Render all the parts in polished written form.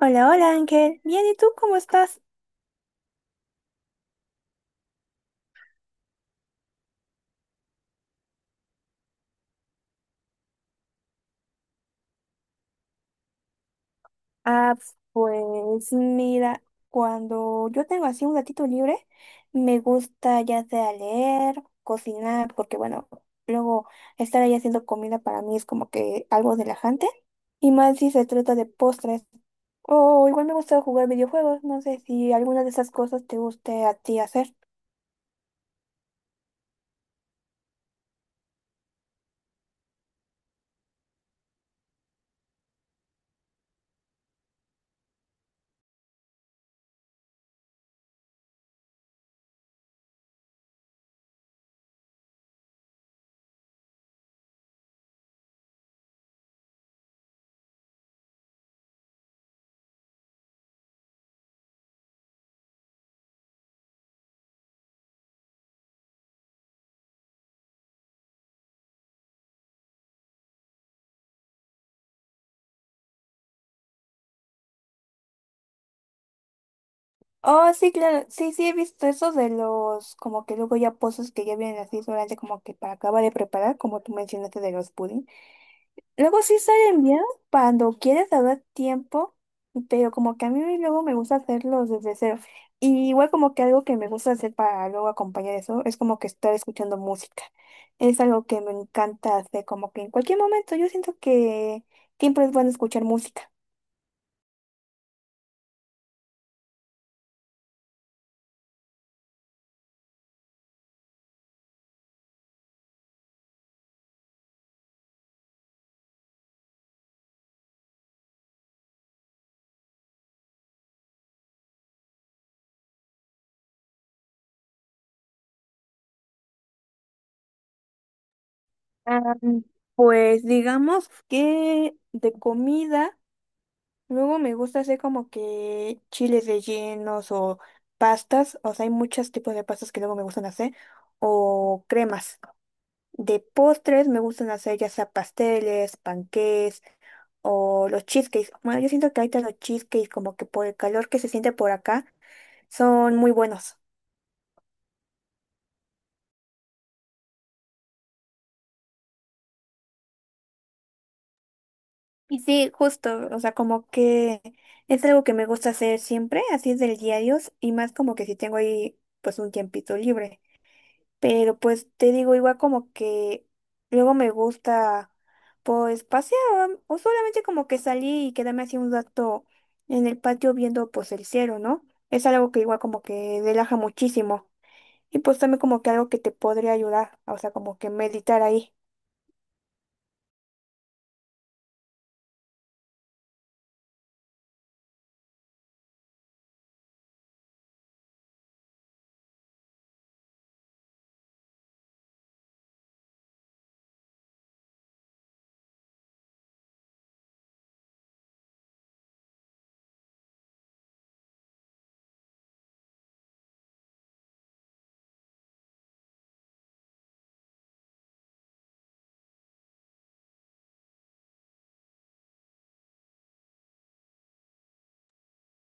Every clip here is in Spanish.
Hola, hola Ángel. Bien, ¿y tú cómo estás? Ah, pues mira, cuando yo tengo así un ratito libre, me gusta ya sea leer, cocinar, porque bueno, luego estar ahí haciendo comida para mí es como que algo relajante. Y más si se trata de postres. O igual me gusta jugar videojuegos. No sé si alguna de esas cosas te guste a ti hacer. Oh, sí, claro. Sí, sí, he visto eso de los, como que luego ya pozos que ya vienen así solamente como que para acabar de preparar, como tú mencionaste de los pudding. Luego sí salen bien cuando quieres dar tiempo, pero como que a mí luego me gusta hacerlos desde cero. Y igual como que algo que me gusta hacer para luego acompañar eso es como que estar escuchando música. Es algo que me encanta hacer, como que en cualquier momento yo siento que siempre es bueno escuchar música. Ah, pues digamos que de comida. Luego me gusta hacer como que chiles rellenos o pastas, o sea, hay muchos tipos de pastas que luego me gustan hacer, o cremas. De postres me gustan hacer ya sea pasteles, panqués o los cheesecakes. Bueno, yo siento que ahorita los cheesecakes como que por el calor que se siente por acá son muy buenos. Y sí, justo, o sea, como que es algo que me gusta hacer siempre, así es del diario, y más como que si tengo ahí pues un tiempito libre. Pero pues te digo, igual como que luego me gusta pues pasear o solamente como que salir y quedarme así un rato en el patio viendo pues el cielo, ¿no? Es algo que igual como que relaja muchísimo y pues también como que algo que te podría ayudar, o sea, como que meditar ahí.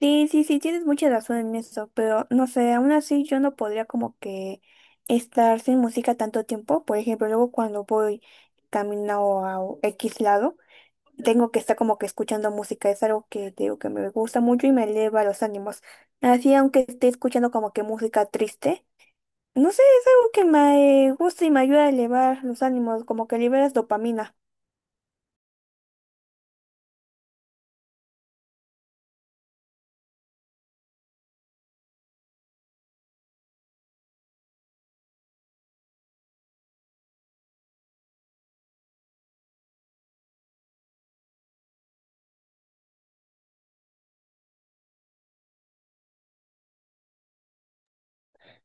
Sí, sí, sí, tienes mucha razón en eso, pero no sé, aún así yo no podría como que estar sin música tanto tiempo. Por ejemplo, luego cuando voy camino a X lado. Tengo que estar como que escuchando música, es algo que te digo que me gusta mucho y me eleva los ánimos. Así aunque esté escuchando como que música triste, no sé, es algo que me gusta y me ayuda a elevar los ánimos, como que liberas dopamina.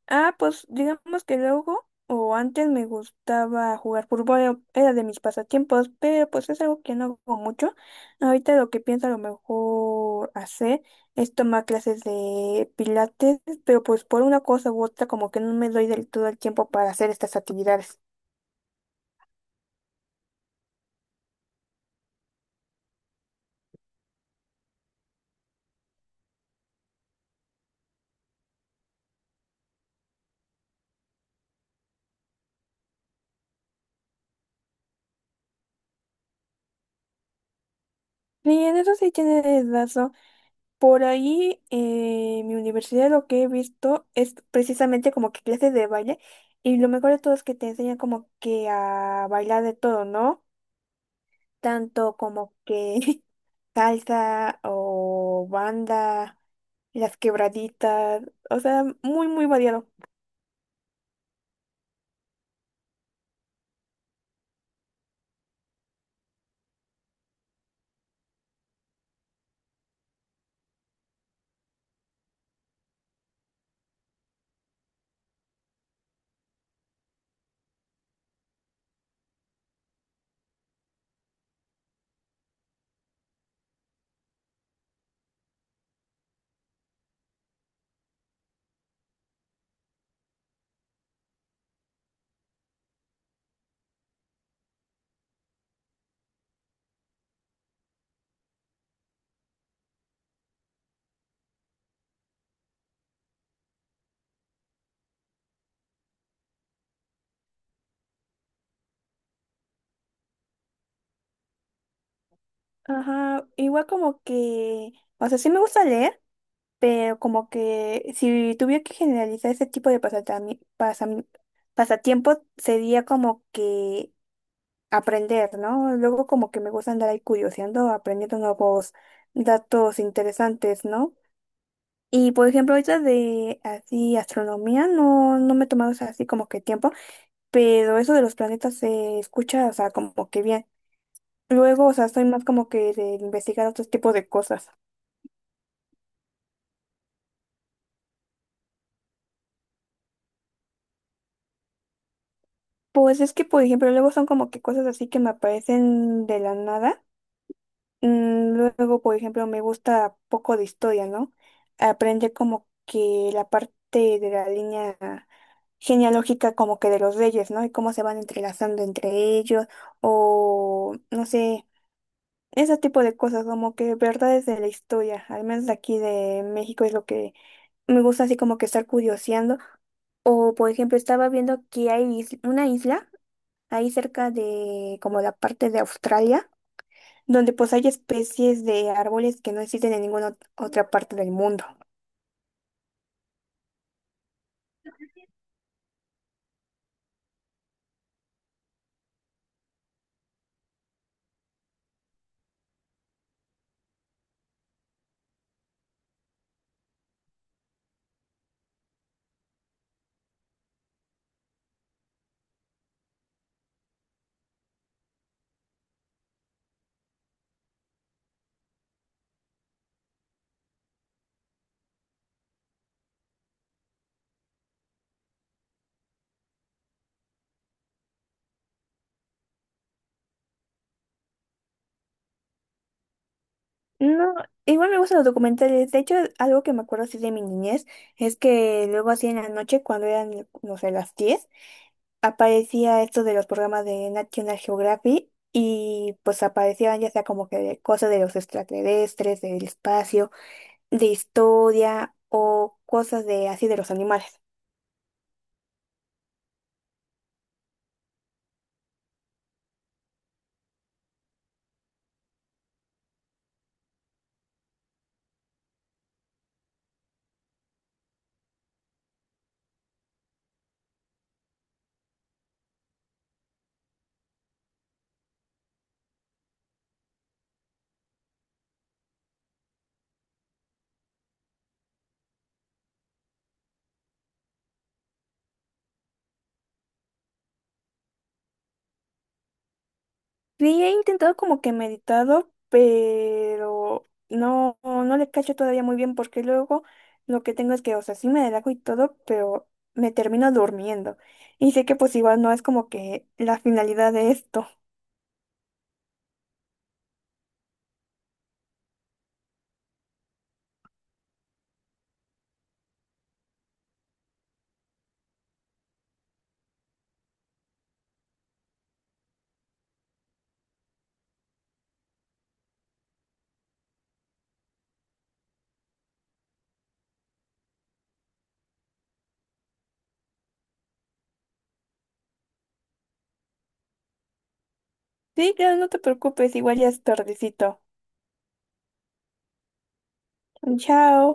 Ah, pues digamos que luego o antes me gustaba jugar fútbol, era de mis pasatiempos, pero pues es algo que no hago mucho. Ahorita lo que pienso a lo mejor hacer es tomar clases de pilates, pero pues por una cosa u otra como que no me doy del todo el tiempo para hacer estas actividades. Y en eso sí tienes razón. Por ahí mi universidad lo que he visto es precisamente como que clases de baile y lo mejor de todo es que te enseñan como que a bailar de todo, ¿no? Tanto como que salsa o banda, las quebraditas, o sea, muy, muy variado. Ajá, igual como que, o sea, sí me gusta leer, pero como que si tuviera que generalizar ese tipo de pasatiempos, sería como que aprender, ¿no? Luego como que me gusta andar ahí curioseando, aprendiendo nuevos datos interesantes, ¿no? Y por ejemplo, ahorita de así astronomía no, no me he tomado, o sea, así como que tiempo, pero eso de los planetas se escucha, o sea, como que bien. Luego, o sea, soy más como que de investigar otros tipos de cosas. Pues es que, por ejemplo, luego son como que cosas así que me aparecen de la nada. Luego, por ejemplo, me gusta poco de historia, ¿no? Aprender como que la parte de la línea genealógica como que de los reyes, ¿no? Y cómo se van entrelazando entre ellos o no sé, ese tipo de cosas, como que verdades de la historia, al menos de aquí de México, es lo que me gusta así como que estar curioseando. O, por ejemplo, estaba viendo que hay una isla ahí cerca de como la parte de Australia donde pues hay especies de árboles que no existen en ninguna otra parte del mundo. No, igual me gustan los documentales. De hecho, algo que me acuerdo así de mi niñez es que luego así en la noche, cuando eran, no sé, las 10, aparecía esto de los programas de National Geographic y pues aparecían ya sea como que de cosas de los extraterrestres, del espacio, de historia o cosas de así de los animales. Sí, he intentado como que meditado, pero no, no le cacho todavía muy bien porque luego lo que tengo es que, o sea, sí me relajo y todo, pero me termino durmiendo. Y sé que pues igual no es como que la finalidad de esto. Sí, claro, no te preocupes, igual ya es tardecito. Chao.